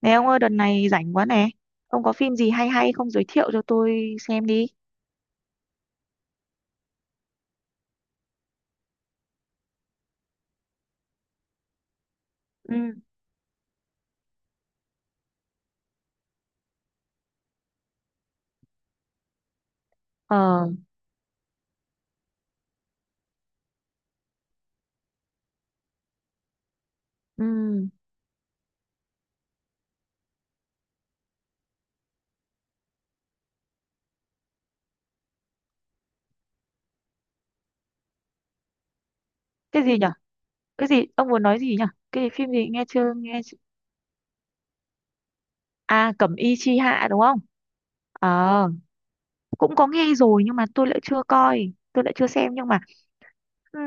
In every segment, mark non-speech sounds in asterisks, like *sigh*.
Nè ông ơi, đợt này rảnh quá nè. Ông có phim gì hay hay không, giới thiệu cho tôi xem đi. Ừ. Ờ. Ừ. Cái gì nhở? Cái gì? Ông muốn nói gì nhở? Cái phim gì, nghe chưa- À, Cẩm Y Chi Hạ đúng không? Ờ, cũng có nghe rồi nhưng mà tôi lại chưa coi, tôi lại chưa xem nhưng mà ừ,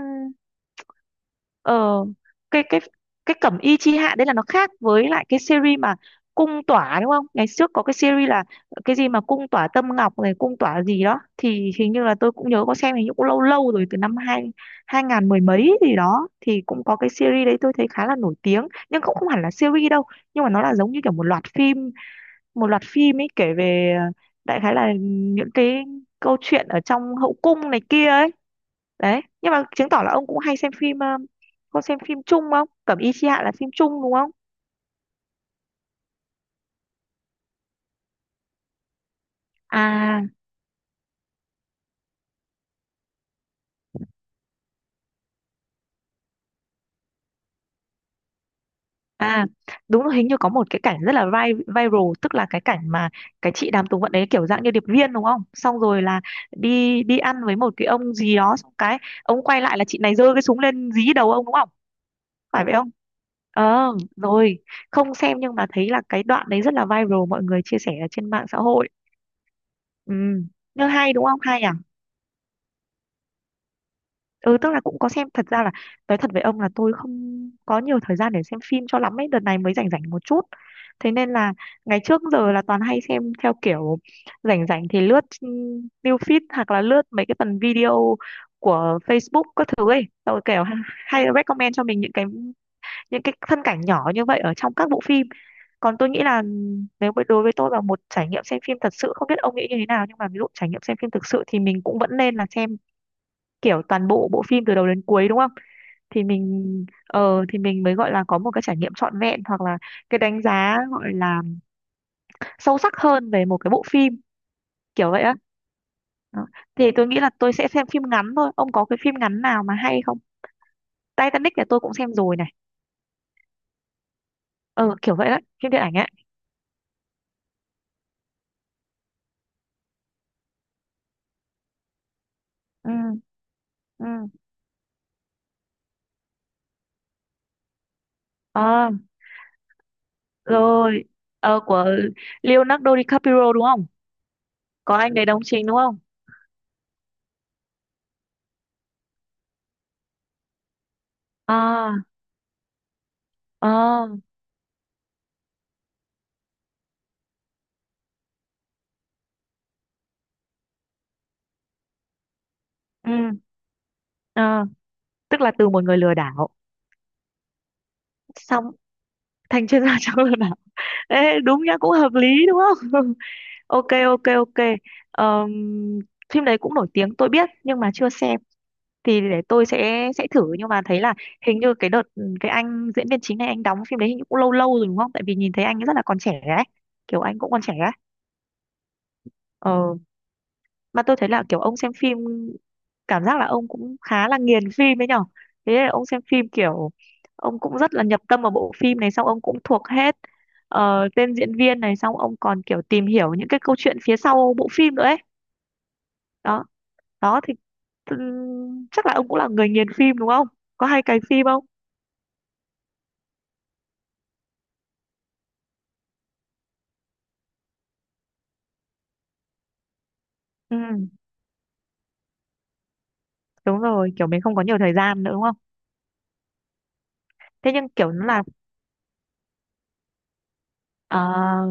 ờ cái cái cái Cẩm Y Chi Hạ đấy là nó khác với lại cái series mà Cung Tỏa đúng không, ngày trước có cái series là cái gì mà Cung Tỏa Tâm Ngọc này, Cung Tỏa gì đó, thì hình như là tôi cũng nhớ có xem, hình như cũng lâu lâu rồi, từ năm hai hai ngàn mười mấy gì đó thì cũng có cái series đấy, tôi thấy khá là nổi tiếng nhưng cũng không hẳn là series đâu, nhưng mà nó là giống như kiểu một loạt phim, một loạt phim ấy, kể về đại khái là những cái câu chuyện ở trong hậu cung này kia ấy đấy. Nhưng mà chứng tỏ là ông cũng hay xem phim có xem phim Trung không? Cẩm Y Chi Hạ là phim Trung đúng không? À, à, đúng rồi, hình như có một cái cảnh rất là viral, tức là cái cảnh mà cái chị Đàm Tùng Vận đấy kiểu dạng như điệp viên đúng không, xong rồi là đi đi ăn với một cái ông gì đó, xong cái ông quay lại là chị này giơ cái súng lên dí đầu ông đúng không, phải vậy không? Ờ, rồi, không xem nhưng mà thấy là cái đoạn đấy rất là viral, mọi người chia sẻ ở trên mạng xã hội. Ừ, nhưng hay đúng không, hay à? Ừ, tức là cũng có xem. Thật ra là nói thật với ông là tôi không có nhiều thời gian để xem phim cho lắm ấy, đợt này mới rảnh rảnh một chút, thế nên là ngày trước giờ là toàn hay xem theo kiểu rảnh rảnh thì lướt news feed hoặc là lướt mấy cái phần video của Facebook các thứ ấy, rồi kiểu *laughs* hay recommend cho mình những cái, những cái phân cảnh nhỏ như vậy ở trong các bộ phim. Còn tôi nghĩ là nếu đối với tôi là một trải nghiệm xem phim thật sự, không biết ông nghĩ như thế nào nhưng mà ví dụ trải nghiệm xem phim thực sự thì mình cũng vẫn nên là xem kiểu toàn bộ bộ phim từ đầu đến cuối đúng không, thì mình ờ thì mình mới gọi là có một cái trải nghiệm trọn vẹn, hoặc là cái đánh giá gọi là sâu sắc hơn về một cái bộ phim, kiểu vậy á. Đó, thì tôi nghĩ là tôi sẽ xem phim ngắn thôi, ông có cái phim ngắn nào mà hay không? Titanic thì tôi cũng xem rồi này. Ờ, kiểu vậy đấy, phim điện ảnh ấy. Ừ. Ừ. Ờ. Rồi. Ờ, của Leonardo DiCaprio đúng không, có anh đấy đóng chính đúng không? Ờ. Ờ. Ừ. Ờ, tức là từ một người lừa đảo xong thành chuyên gia trong lừa đảo. Ê, đúng nhá, cũng hợp lý đúng không? *laughs* Ok, ok, ok. Ờm, Phim đấy cũng nổi tiếng, tôi biết nhưng mà chưa xem, thì để tôi sẽ thử. Nhưng mà thấy là hình như cái đợt cái anh diễn viên chính này, anh đóng phim đấy hình như cũng lâu lâu rồi đúng không, tại vì nhìn thấy anh rất là còn trẻ ấy, kiểu anh cũng còn trẻ ấy. Ờ, mà tôi thấy là kiểu ông xem phim, cảm giác là ông cũng khá là nghiền phim ấy nhở. Thế là ông xem phim kiểu ông cũng rất là nhập tâm vào bộ phim này, xong ông cũng thuộc hết tên diễn viên này, xong ông còn kiểu tìm hiểu những cái câu chuyện phía sau bộ phim nữa ấy. Đó, đó thì chắc là ông cũng là người nghiền phim đúng không, có hay cày phim không? Ừ, đúng rồi, kiểu mình không có nhiều thời gian nữa đúng không. Thế nhưng kiểu là À,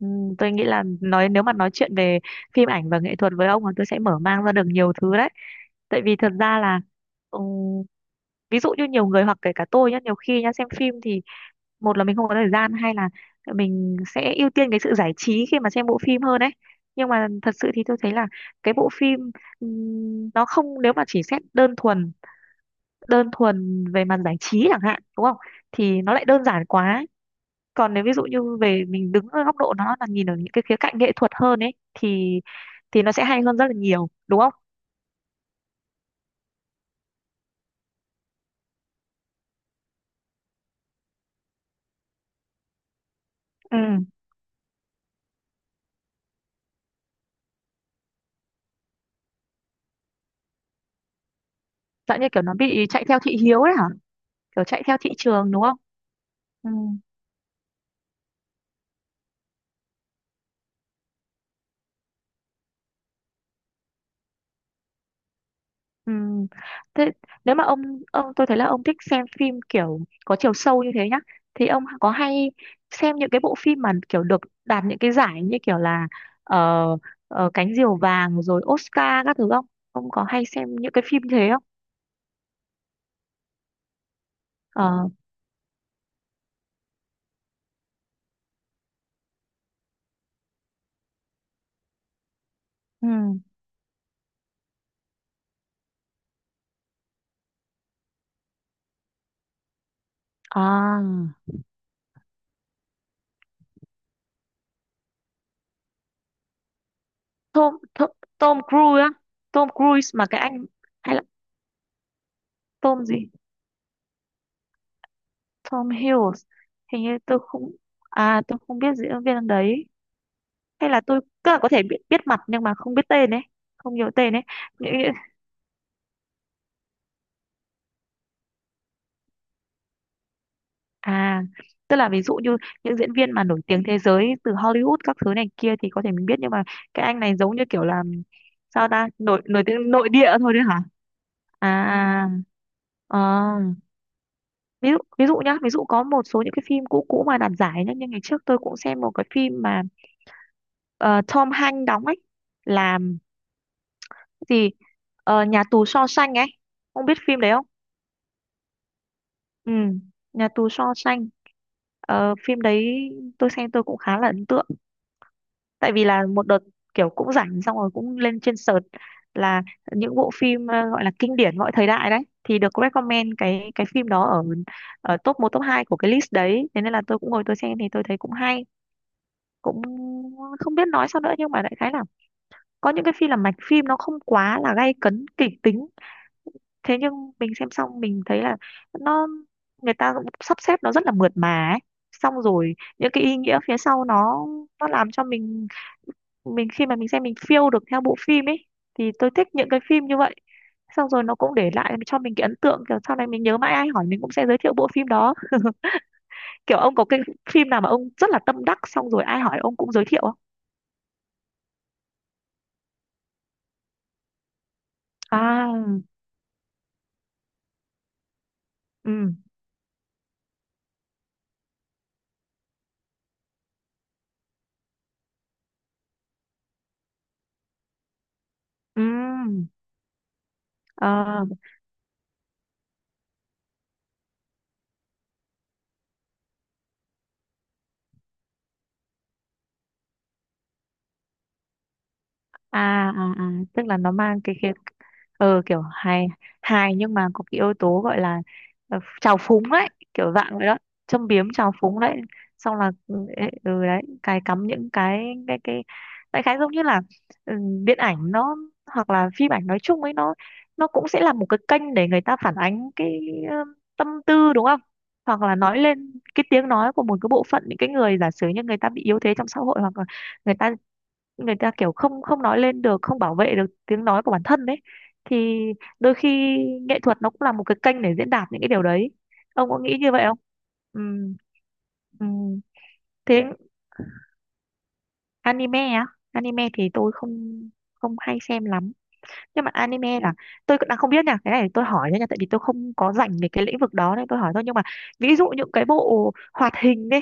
tôi nghĩ là nói, nếu mà nói chuyện về phim ảnh và nghệ thuật với ông là tôi sẽ mở mang ra được nhiều thứ đấy. Tại vì thật ra là ừm, ví dụ như nhiều người hoặc kể cả tôi nhá, nhiều khi nhá xem phim thì một là mình không có thời gian, hay là mình sẽ ưu tiên cái sự giải trí khi mà xem bộ phim hơn ấy. Nhưng mà thật sự thì tôi thấy là cái bộ phim nó không, nếu mà chỉ xét đơn thuần, đơn thuần về mặt giải trí chẳng hạn, đúng không? Thì nó lại đơn giản quá, còn nếu ví dụ như về mình đứng ở góc độ nó là nhìn ở những cái khía cạnh nghệ thuật hơn ấy thì nó sẽ hay hơn rất là nhiều đúng không. Ừ. Dạng như kiểu nó bị chạy theo thị hiếu ấy hả, kiểu chạy theo thị trường đúng không. Ừ, ừ. Thế nếu mà ông, tôi thấy là ông thích xem phim kiểu có chiều sâu như thế nhá, thì ông có hay xem những cái bộ phim mà kiểu được đạt những cái giải như kiểu là ờ, Cánh Diều Vàng rồi Oscar các thứ không, ông có hay xem những cái phim thế không? Ờ. Ừ. À, Tom, Tom Cruise á, Tom Cruise mà cái anh, hay là Tom gì, Tom Hiddleston? Hình như tôi không, à tôi không biết diễn viên anh đấy, hay là tôi tức là có thể biết, mặt nhưng mà không biết tên ấy, không nhớ tên ấy. những, những- À, tức là ví dụ như những diễn viên mà nổi tiếng thế giới từ Hollywood các thứ này kia thì có thể mình biết, nhưng mà cái anh này giống như kiểu là sao ta, nổi nổi tiếng nội địa thôi đấy hả? À. Ờ, ví dụ, ví dụ nhá, ví dụ có một số những cái phim cũ cũ mà đạt giải nhá, như ngày trước tôi cũng xem một cái phim mà ờ, Tom Hanks đóng ấy, làm gì, Ờ, Nhà Tù Shawshank ấy, không biết phim đấy không? Ừ, Nhà Tù Shawshank. Ờ, phim đấy tôi xem tôi cũng khá là ấn tượng, tại vì là một đợt kiểu cũng rảnh, xong rồi cũng lên trên search là những bộ phim gọi là kinh điển mọi thời đại đấy, thì được recommend cái phim đó ở ở top một, top 2 của cái list đấy, thế nên là tôi cũng ngồi tôi xem thì tôi thấy cũng hay, cũng không biết nói sao nữa, nhưng mà đại khái là có những cái phim là mạch phim nó không quá là gay cấn kịch tính, thế nhưng mình xem xong mình thấy là nó, người ta cũng sắp xếp nó rất là mượt mà ấy, xong rồi những cái ý nghĩa phía sau nó làm cho mình, khi mà mình xem mình feel được theo bộ phim ấy, thì tôi thích những cái phim như vậy. Xong rồi nó cũng để lại cho mình cái ấn tượng kiểu sau này mình nhớ mãi, ai hỏi mình cũng sẽ giới thiệu bộ phim đó. Kiểu ông có cái phim nào mà ông rất là tâm đắc, xong rồi ai hỏi ông cũng giới thiệu không? À. Ừ. Ừ. Ờ. À, tức là nó mang cái khía, ờ kiểu hài, hài nhưng mà có cái yếu tố gọi là trào phúng ấy, kiểu dạng vậy đó, châm biếm trào phúng đấy. Xong là ừ ấy, ừ, đấy, cài cắm những cái, cái đại khái giống như là ừ, điện ảnh nó hoặc là phim ảnh nói chung ấy, nó cũng sẽ là một cái kênh để người ta phản ánh cái ờ, tâm tư đúng không, hoặc là nói lên cái tiếng nói của một cái bộ phận những cái người giả sử như người ta bị yếu thế trong xã hội, hoặc là người ta, người ta kiểu không, nói lên được, không bảo vệ được tiếng nói của bản thân đấy, thì đôi khi nghệ thuật nó cũng là một cái kênh để diễn đạt những cái điều đấy, ông có nghĩ như vậy không? Ừ, ừ. Thế anime á, anime thì tôi không, không hay xem lắm. Nhưng mà anime là tôi cũng đang không biết nha, cái này tôi hỏi thôi nha, tại vì tôi không có rảnh về cái lĩnh vực đó nên tôi hỏi thôi, nhưng mà ví dụ những cái bộ hoạt hình đấy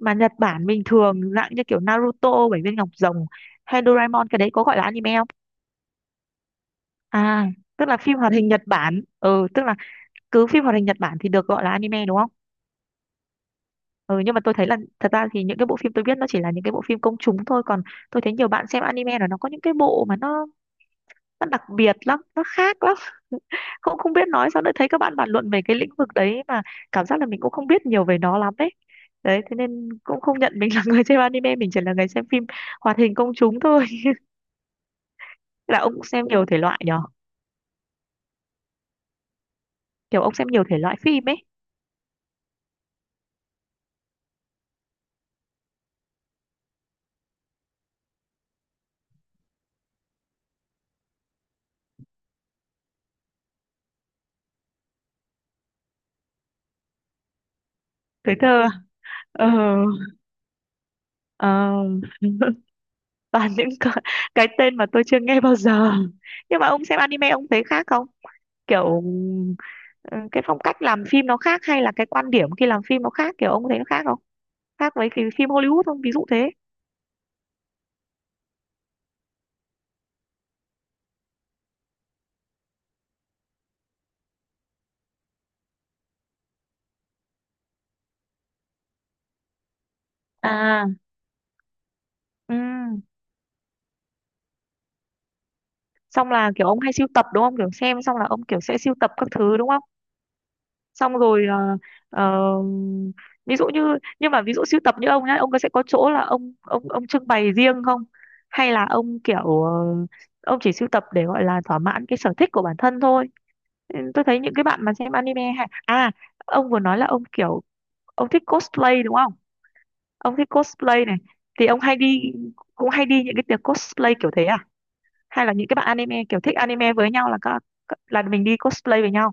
mà Nhật Bản bình thường, dạng như kiểu Naruto, Bảy Viên Ngọc Rồng hay Doraemon, cái đấy có gọi là anime không? À, tức là phim hoạt hình Nhật Bản, ừ tức là cứ phim hoạt hình Nhật Bản thì được gọi là anime đúng không? Ừ, nhưng mà tôi thấy là thật ra thì những cái bộ phim tôi biết nó chỉ là những cái bộ phim công chúng thôi, còn tôi thấy nhiều bạn xem anime là nó có những cái bộ mà nó, đặc biệt lắm, nó khác lắm, không, không biết nói sao nữa, thấy các bạn bàn luận về cái lĩnh vực đấy mà cảm giác là mình cũng không biết nhiều về nó lắm đấy. Đấy thế nên cũng không nhận mình là người xem anime, mình chỉ là người xem phim hoạt hình công chúng thôi. *laughs* Là ông xem nhiều thể loại nhở, kiểu ông xem nhiều thể loại phim ấy. Tuổi thơ à? Ờ. Ờ. *laughs* *laughs* Toàn những cái tên mà tôi chưa nghe bao giờ. Nhưng mà ông xem anime ông thấy khác không, kiểu ừ, cái phong cách làm phim nó khác, hay là cái quan điểm khi làm phim nó khác, kiểu ông thấy nó khác không, khác với cái phim Hollywood không, ví dụ thế. À, ừ. Xong là kiểu ông hay sưu tập đúng không, kiểu xem xong là ông kiểu sẽ sưu tập các thứ đúng không? Xong rồi ờ, ví dụ như, nhưng mà ví dụ sưu tập như ông nhá, ông có sẽ có chỗ là ông, ông trưng bày riêng không, hay là ông kiểu ông chỉ sưu tập để gọi là thỏa mãn cái sở thích của bản thân thôi. Ừ, tôi thấy những cái bạn mà xem anime hay à, ông vừa nói là ông kiểu ông thích cosplay đúng không, ông thích cosplay này, thì ông hay đi, cũng hay đi những cái tiệc cosplay kiểu thế à, hay là những cái bạn anime kiểu thích anime với nhau là các, là mình đi cosplay với nhau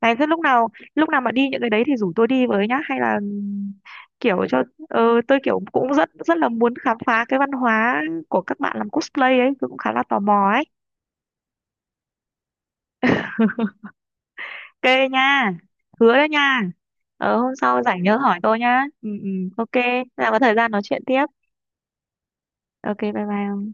này. Thế lúc nào, mà đi những cái đấy thì rủ tôi đi với nhá, hay là kiểu cho ờ, tôi kiểu cũng rất rất là muốn khám phá cái văn hóa của các bạn làm cosplay ấy, tôi cũng khá là tò mò ấy. Ok nha. Hứa đấy nha. Ờ hôm sau rảnh nhớ hỏi tôi nhá. Ừ, ừ, ok, thế là có thời gian nói chuyện tiếp. Ok, bye bye.